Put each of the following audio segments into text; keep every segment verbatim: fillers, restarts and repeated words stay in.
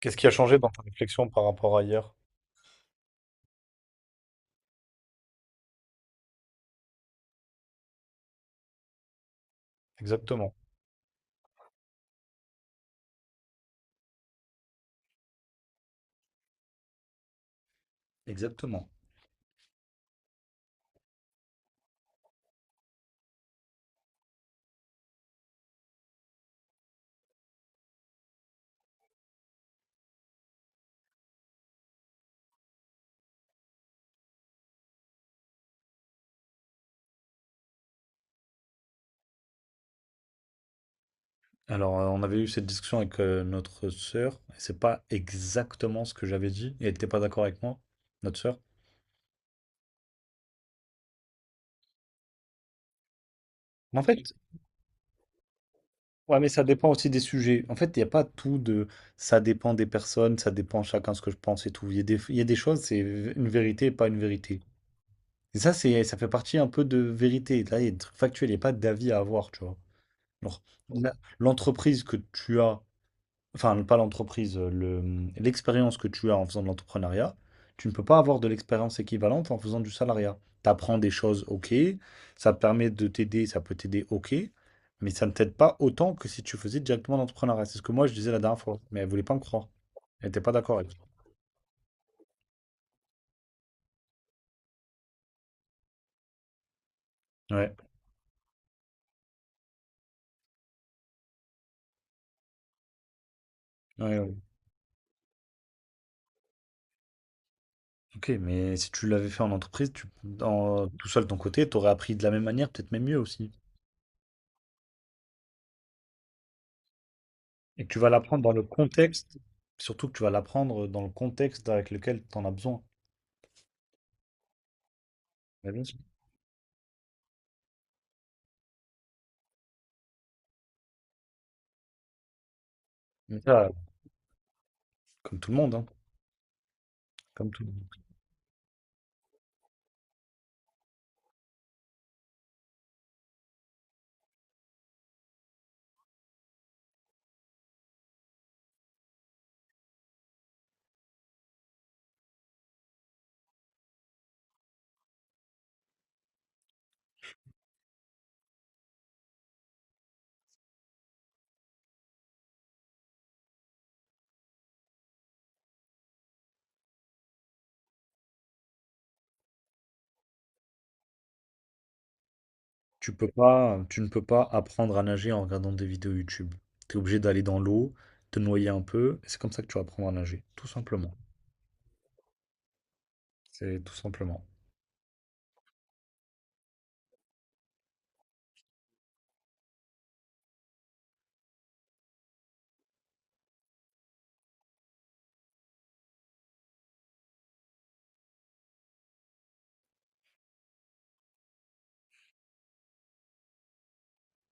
Qu'est-ce qui a changé dans ta réflexion par rapport à hier? Exactement. Exactement. Alors, euh, on avait eu cette discussion avec euh, notre sœur, et c'est pas exactement ce que j'avais dit, et elle n'était pas d'accord avec moi, notre sœur. Mais en fait, ouais, mais ça dépend aussi des sujets. En fait, il n'y a pas tout de ça dépend des personnes, ça dépend chacun ce que je pense et tout. Il y a des, il y a des choses, c'est une vérité et pas une vérité. Et ça, c'est, ça fait partie un peu de vérité. Là, il y a des trucs factuels, il n'y a pas d'avis à avoir, tu vois. Genre, la- l'entreprise que tu as enfin pas l'entreprise, euh, le- euh, l'expérience que tu as en faisant de l'entrepreneuriat, tu ne peux pas avoir de l'expérience équivalente en faisant du salariat. Tu apprends des choses, ok, ça te permet de t'aider, ça peut t'aider, ok, mais ça ne t'aide pas autant que si tu faisais directement l'entrepreneuriat. C'est ce que moi je disais la dernière fois, mais elle voulait pas me croire. Elle n'était pas d'accord avec. Ouais. Ouais, ouais. Ok, mais si tu l'avais fait en entreprise, tu, en- tout seul de ton côté, tu aurais appris de la même manière, peut-être même mieux aussi. Et que tu vas l'apprendre dans le contexte, surtout que tu vas l'apprendre dans le contexte avec lequel tu en as besoin. Bah, bien sûr. Mais ça, comme tout le monde, hein. Comme tout le monde. Tu peux pas, tu ne peux pas apprendre à nager en regardant des vidéos YouTube. Tu es obligé d'aller dans l'eau, te noyer un peu, et c'est comme ça que tu vas apprendre à nager. Tout simplement. C'est tout simplement.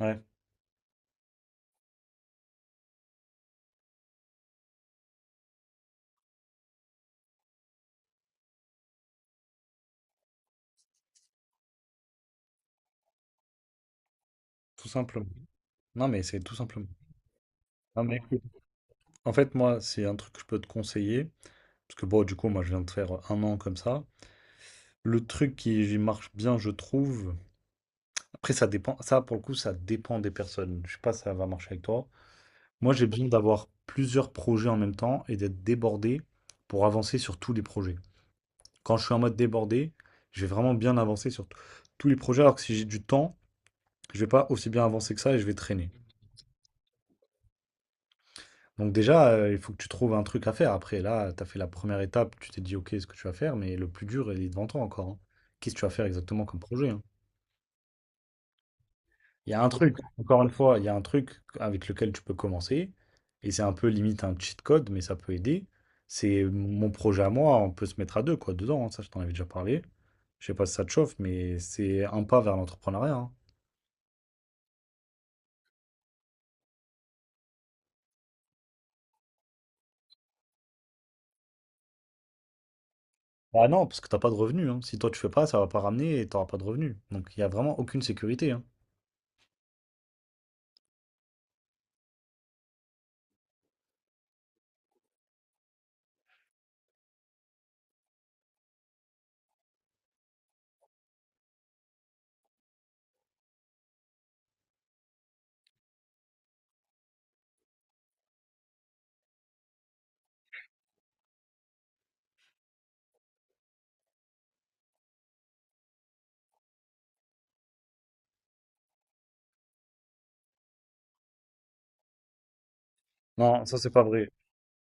Ouais, tout simplement. Non, mais c'est tout simplement. Non, mais écoute, en fait, moi, c'est un truc que je peux te conseiller. Parce que bon, du coup, moi, je viens de faire un an comme ça. Le truc qui marche bien, je trouve. Après, ça dépend. Ça, pour le coup, ça dépend des personnes. Je sais pas si ça va marcher avec toi. Moi, j'ai besoin d'avoir plusieurs projets en même temps et d'être débordé pour avancer sur tous les projets. Quand je suis en mode débordé, je vais vraiment bien avancer sur t- tous les projets, alors que si j'ai du temps, je vais pas aussi bien avancer que ça et je vais traîner. Donc déjà, euh, il faut que tu trouves un truc à faire. Après, là, tu as fait la première étape, tu t'es dit, OK, ce que tu vas faire, mais le plus dur, il est devant toi encore, hein. Qu'est-ce que tu vas faire exactement comme projet, hein? Il y a un truc, encore une fois, il y a un truc avec lequel tu peux commencer, et c'est un peu limite un cheat code, mais ça peut aider. C'est mon projet à moi, on peut se mettre à deux, quoi, dedans, hein, ça je t'en avais déjà parlé. Je sais pas si ça te chauffe, mais c'est un pas vers l'entrepreneuriat, hein. Bah non, parce que t'as pas de revenus, hein. Si toi tu fais pas, ça va pas ramener et t'auras pas de revenus. Donc il y a vraiment aucune sécurité, hein. Non, ça c'est pas vrai.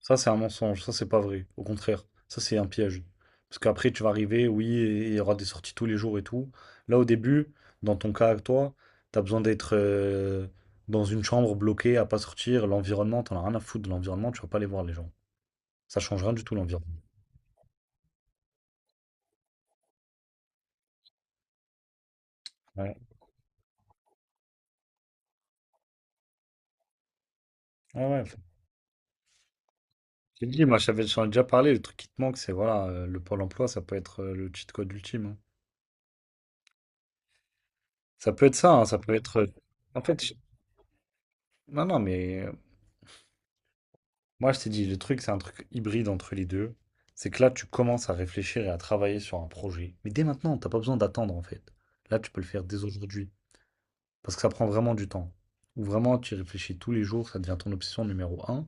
Ça, c'est un mensonge, ça, c'est pas vrai. Au contraire, ça, c'est un piège. Parce qu'après, tu vas arriver, oui, et il y aura des sorties tous les jours et tout. Là, au début, dans ton cas, toi, t'as besoin d'être euh, dans une chambre bloquée, à pas sortir. L'environnement, t'en as rien à foutre de l'environnement, tu vas pas aller voir les gens. Ça change rien du tout, l'environnement. Ouais, ouais, ouais. J'ai dit, moi, j'avais j'en ai déjà parlé, le truc qui te manque, c'est voilà, euh, le Pôle emploi, ça peut être euh, le cheat code ultime, hein. Ça peut être ça, hein, ça peut être, euh, en fait, je- non, non, mais. Moi, je t'ai dit, le truc, c'est un truc hybride entre les deux. C'est que là, tu commences à réfléchir et à travailler sur un projet. Mais dès maintenant, t'as pas besoin d'attendre, en fait. Là, tu peux le faire dès aujourd'hui. Parce que ça prend vraiment du temps. Ou vraiment, tu y réfléchis tous les jours, ça devient ton obsession numéro un.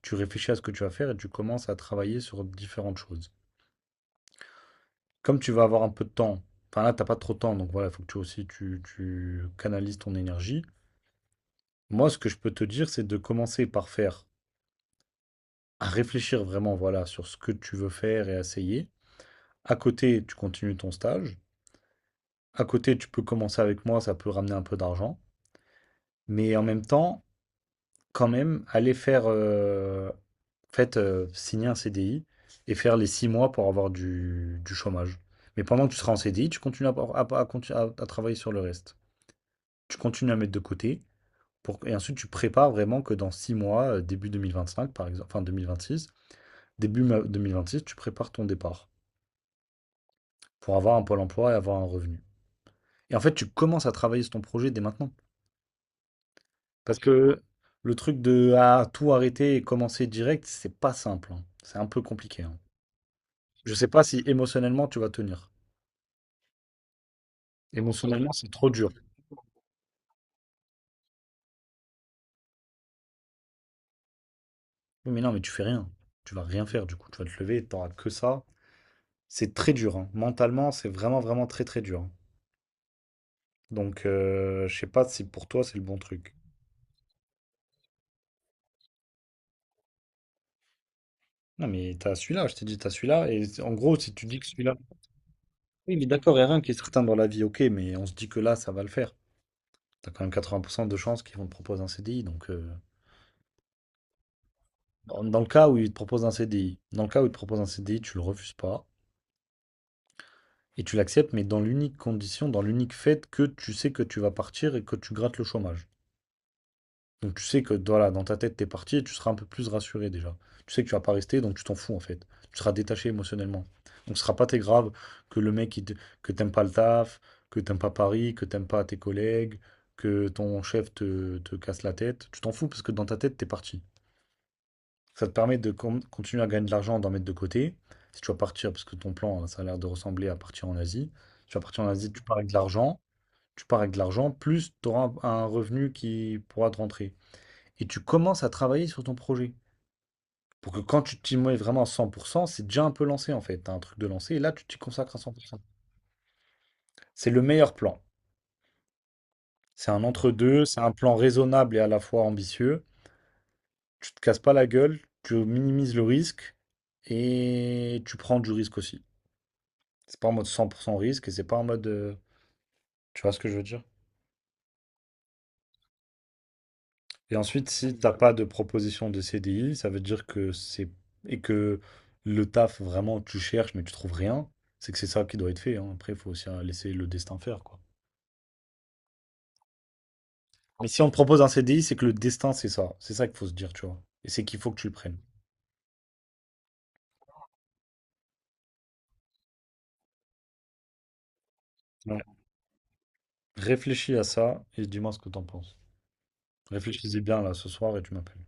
Tu réfléchis à ce que tu vas faire et tu commences à travailler sur différentes choses. Comme tu vas avoir un peu de temps, enfin là, t'as pas trop de temps, donc voilà, il faut que tu aussi, tu, tu canalises ton énergie. Moi, ce que je peux te dire, c'est de commencer par faire, à réfléchir vraiment, voilà, sur ce que tu veux faire et essayer. À côté, tu continues ton stage. À côté, tu peux commencer avec moi, ça peut ramener un peu d'argent. Mais en même temps, quand même, aller faire, euh, en fait, euh, signer un C D I et faire les six mois pour avoir du, du chômage. Mais pendant que tu seras en C D I, tu continues à, à- à- à- à travailler sur le reste. Tu continues à mettre de côté pour, et ensuite tu prépares vraiment que dans six mois, euh, début cinq par exemple, enfin six début ma- six tu prépares ton départ pour avoir un pôle emploi et avoir un revenu. Et en fait, tu commences à travailler sur ton projet dès maintenant. Parce que le truc de ah, tout arrêter et commencer direct, c'est pas simple, hein. C'est un peu compliqué, hein. Je sais pas si émotionnellement tu vas tenir. Émotionnellement, c'est trop dur. Oui, mais non, mais tu fais rien. Tu vas rien faire du coup. Tu vas te lever, t'auras que ça. C'est très dur, hein. Mentalement, c'est vraiment, vraiment très, très dur, hein. Donc, euh, je sais pas si pour toi, c'est le bon truc. Non, mais t'as celui-là, je t'ai dit, t'as celui-là. Et en gros, si tu dis que celui-là. Oui, mais d'accord, il y a rien qui est certain dans la vie, ok, mais on se dit que là, ça va le faire. T'as quand même quatre-vingts pour cent de chances qu'ils vont te proposer un C D I, donc, euh, Dans dans le cas où il te propose un C D I. Dans le cas où il te propose un C D I, tu le refuses pas et tu l'acceptes, mais dans l'unique condition, dans l'unique fait que tu sais que tu vas partir et que tu grattes le chômage. Donc tu sais que voilà, dans ta tête, t'es parti et tu seras un peu plus rassuré déjà. Tu sais que tu vas pas rester, donc tu t'en fous en fait. Tu seras détaché émotionnellement. Donc ce sera pas très grave que le mec, il te- que t'aimes pas le taf, que t'aimes pas Paris, que t'aimes pas tes collègues, que ton chef te, te casse la tête. Tu t'en fous parce que dans ta tête, t'es parti. Ça te permet de con- continuer à gagner de l'argent, d'en mettre de côté. Si tu vas partir, parce que ton plan, hein, ça a l'air de ressembler à partir en Asie. Tu vas partir en Asie, tu pars avec de l'argent. Tu pars avec de l'argent, plus tu auras un, un revenu qui pourra te rentrer. Et tu commences à travailler sur ton projet. Pour que quand tu t'y mets vraiment à cent pour cent, c'est déjà un peu lancé en fait. T'as un truc de lancé et là, tu t'y consacres à cent pour cent. C'est le meilleur plan. C'est un entre-deux, c'est un plan raisonnable et à la fois ambitieux. Tu te casses pas la gueule, tu minimises le risque et tu prends du risque aussi. C'est pas en mode cent pour cent risque et c'est pas en mode, euh, tu vois ce que je veux dire? Et ensuite, si t'as pas de proposition de C D I, ça veut dire que c'est. Et que le taf vraiment tu cherches mais tu trouves rien, c'est que c'est ça qui doit être fait, hein. Après, il faut aussi euh, laisser le destin faire, quoi. Mais si on te propose un C D I, c'est que le destin, c'est ça. C'est ça qu'il faut se dire, tu vois. Et c'est qu'il faut que tu le prennes. Ouais. Réfléchis à ça et dis-moi ce que t'en penses. Réfléchis-y bien là ce soir et tu m'appelles.